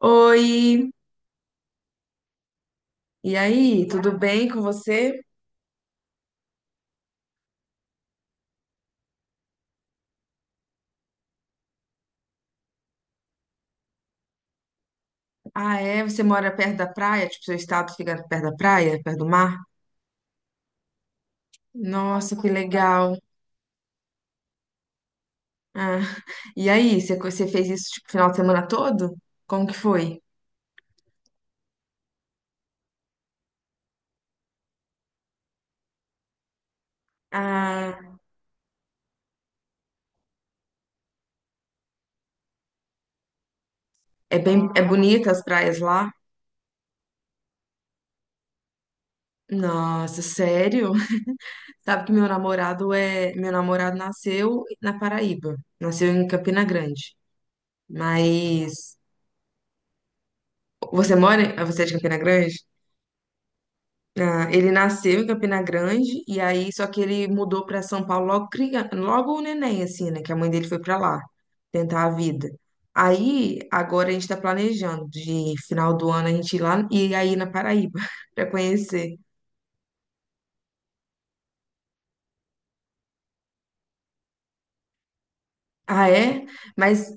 Oi, e aí, tudo bem com você? Ah, é? Você mora perto da praia? Tipo, seu estado fica perto da praia, perto do mar? Nossa, que legal. Ah, e aí, você fez isso tipo final de semana todo? Como que foi? Ah, é bonita as praias lá? Nossa, sério? Sabe que meu namorado nasceu na Paraíba, nasceu em Campina Grande. Mas você é de Campina Grande? Ah, ele nasceu em Campina Grande e aí só que ele mudou para São Paulo logo o neném, assim, né? Que a mãe dele foi para lá tentar a vida. Aí agora a gente está planejando de final do ano a gente ir lá e aí na Paraíba para conhecer. Ah, é? Mas,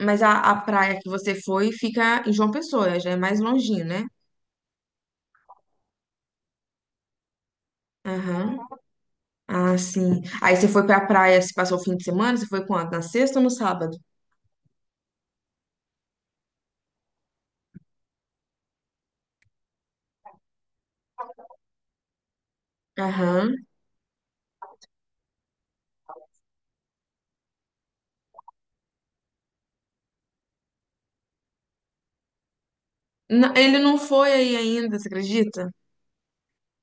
mas a praia que você foi fica em João Pessoa, já é mais longinho, né? Aham. Ah, sim. Aí você foi pra praia, se passou o fim de semana? Você foi quando? Na sexta ou no sábado? Aham. Ele não foi aí ainda, você acredita?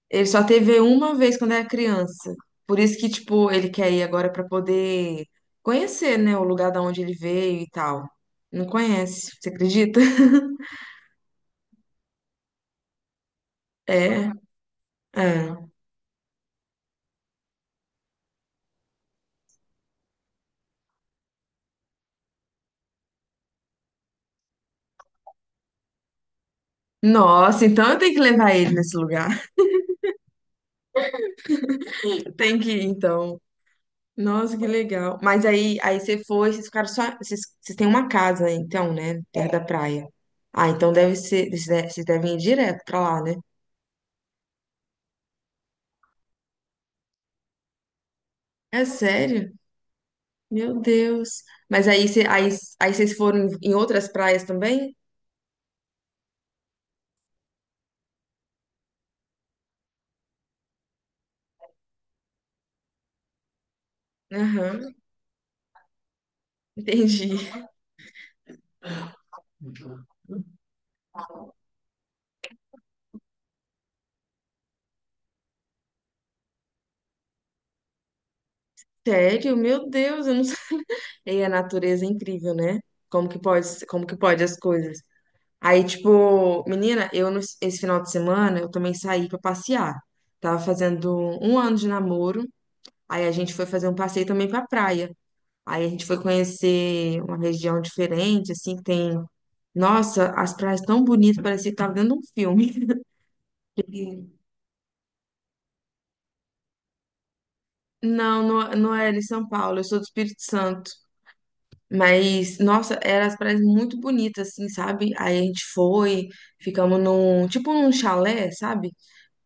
Ele só teve uma vez quando era criança. Por isso que, tipo, ele quer ir agora pra poder conhecer, né, o lugar da onde ele veio e tal. Não conhece, você acredita? É, é. Nossa, então eu tenho que levar ele nesse lugar. Tem que ir, então. Nossa, que legal. Mas aí você foi, vocês ficaram só. vocês têm uma casa, então, né? Perto, é, da praia. Ah, então deve ser. Vocês devem ir direto pra lá, né? É sério? Meu Deus. Mas aí, aí vocês foram em outras praias também? Aham, entendi. Sério? Meu Deus, eu não sei. E a natureza é incrível, né? Como que pode as coisas? Aí, tipo, menina, eu no- esse final de semana eu também saí pra passear. Tava fazendo um ano de namoro, aí a gente foi fazer um passeio também pra praia. Aí a gente foi conhecer uma região diferente, assim, que tem. Nossa, as praias tão bonitas, parecia que tava dentro de um filme. Não, não, não era em São Paulo, eu sou do Espírito Santo. Mas, nossa, eram as praias muito bonitas, assim, sabe? Aí a gente foi, ficamos num, tipo num chalé, sabe?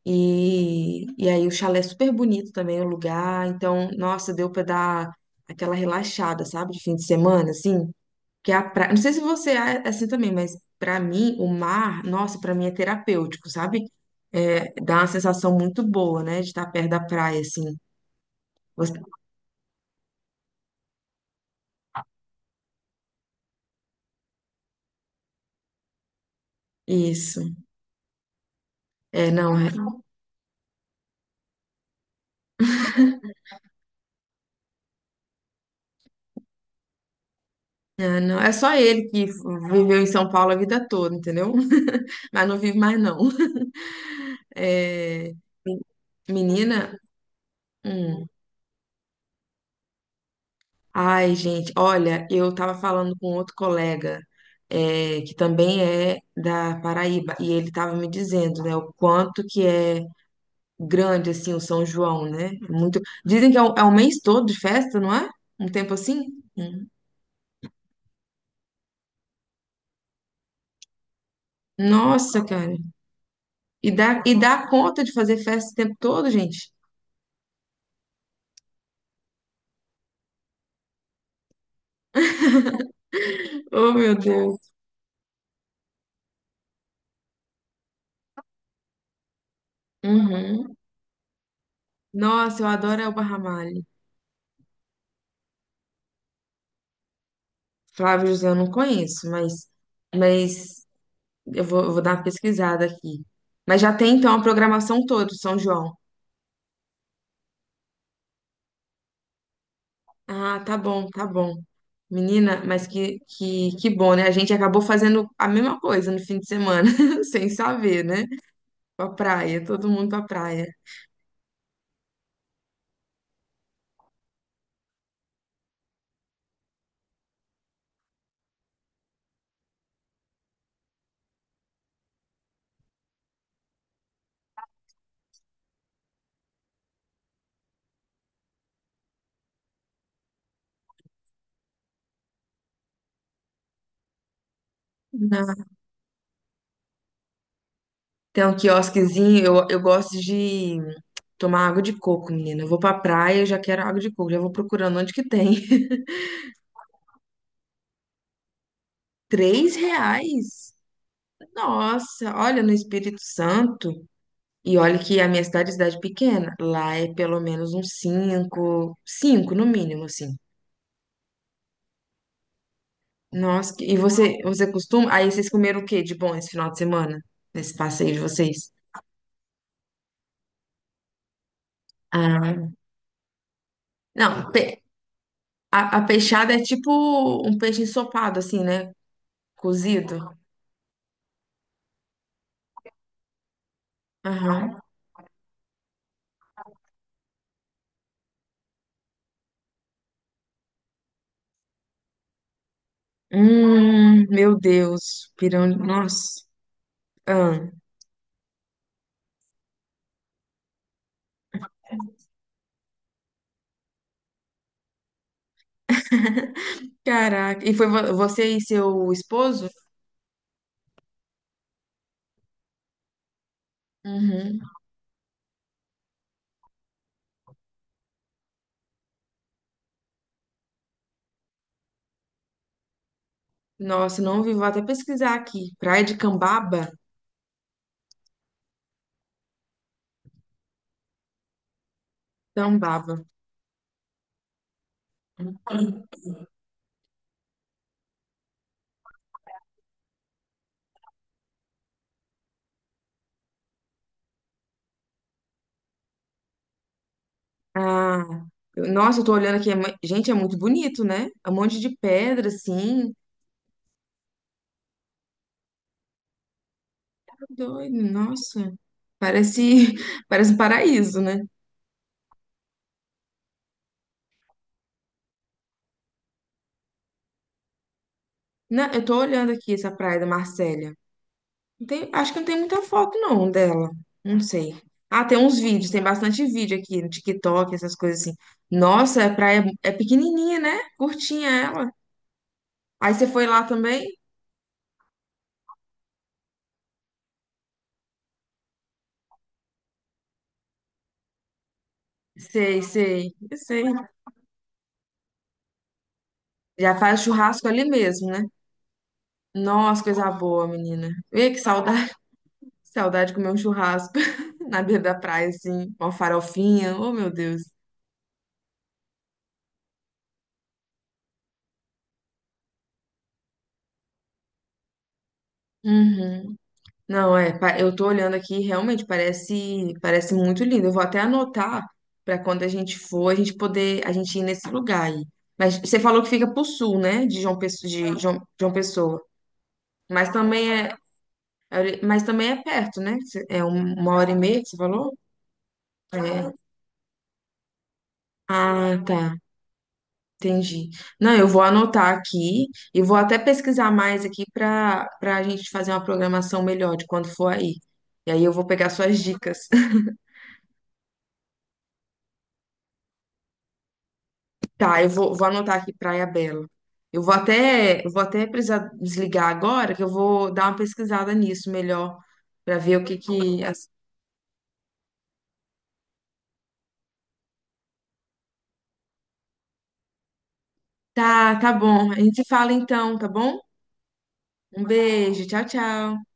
E aí o chalé é super bonito também, o lugar. Então, nossa, deu pra dar aquela relaxada, sabe? De fim de semana, assim. Que é a praia, não sei se você é assim também, mas pra mim, o mar, nossa, pra mim é terapêutico, sabe? É, dá uma sensação muito boa, né? De estar perto da praia, assim. Você- Isso. É, não, é, não, é só ele que viveu em São Paulo a vida toda, entendeu? Mas não vive mais, não. É, menina, hum, ai, gente, olha, eu tava falando com outro colega, é, que também é da Paraíba, e ele tava me dizendo, né, o quanto que é grande, assim, o São João, né? É muito, dizem que é o mês todo de festa, não é? Um tempo assim? Hum. Nossa, cara. E dá conta de fazer festa o tempo todo, gente? Oh, meu Deus. Uhum. Nossa, eu adoro Elba Ramalho. Flávio José eu não conheço, mas eu vou dar uma pesquisada aqui. Mas já tem então a programação toda, do São João. Ah, tá bom, tá bom. Menina, mas que bom, né? A gente acabou fazendo a mesma coisa no fim de semana, sem saber, né? Pra praia, todo mundo pra praia. Ah, tem um quiosquezinho, eu gosto de tomar água de coco, menina. Eu vou pra praia, eu já quero água de coco, já vou procurando onde que tem. R$ 3? Nossa, olha no Espírito Santo. E olha que a minha cidade é cidade pequena. Lá é pelo menos uns cinco, cinco no mínimo, assim. Nossa, e você costuma? Aí vocês comeram o quê de bom esse final de semana? Nesse passeio de vocês? Ah, não, a peixada é tipo um peixe ensopado, assim, né? Cozido. Aham. Meu Deus, pirão, nossa. Ah, caraca. E foi você e seu esposo? Uhum. Nossa, não vi, vou até pesquisar aqui. Praia de Cambaba? Cambaba. Ah, nossa, eu tô olhando aqui. Gente, é muito bonito, né? É um monte de pedra, assim. Tá doido, nossa. Parece, parece um paraíso, né? Não, eu tô olhando aqui essa praia da Marcélia. Acho que não tem muita foto, não, dela. Não sei. Ah, tem uns vídeos, tem bastante vídeo aqui no TikTok, essas coisas assim. Nossa, a praia é pequenininha, né? Curtinha ela. Aí você foi lá também? Sei, sei, eu sei. Já faz churrasco ali mesmo, né? Nossa, coisa boa, menina. Vê que saudade, saudade de comer um churrasco na beira da praia, assim, uma farofinha. Oh, meu Deus. Uhum. Não, é, eu tô olhando aqui, e realmente parece muito lindo. Eu vou até anotar pra quando a gente for, a gente poder, a gente ir nesse lugar aí. Mas você falou que fica pro sul, né? De João Pessoa, João Pessoa. Mas também é, mas também é perto, né? Uma hora e meia que você falou? É. Ah, tá. Entendi. Não, eu vou anotar aqui e vou até pesquisar mais aqui para a gente fazer uma programação melhor de quando for aí. E aí eu vou pegar suas dicas. Tá, eu vou anotar aqui Praia Bela. Eu vou até precisar desligar agora, que eu vou dar uma pesquisada nisso melhor, para ver o que que. Tá, tá bom. A gente se fala então, tá bom? Um beijo, tchau, tchau.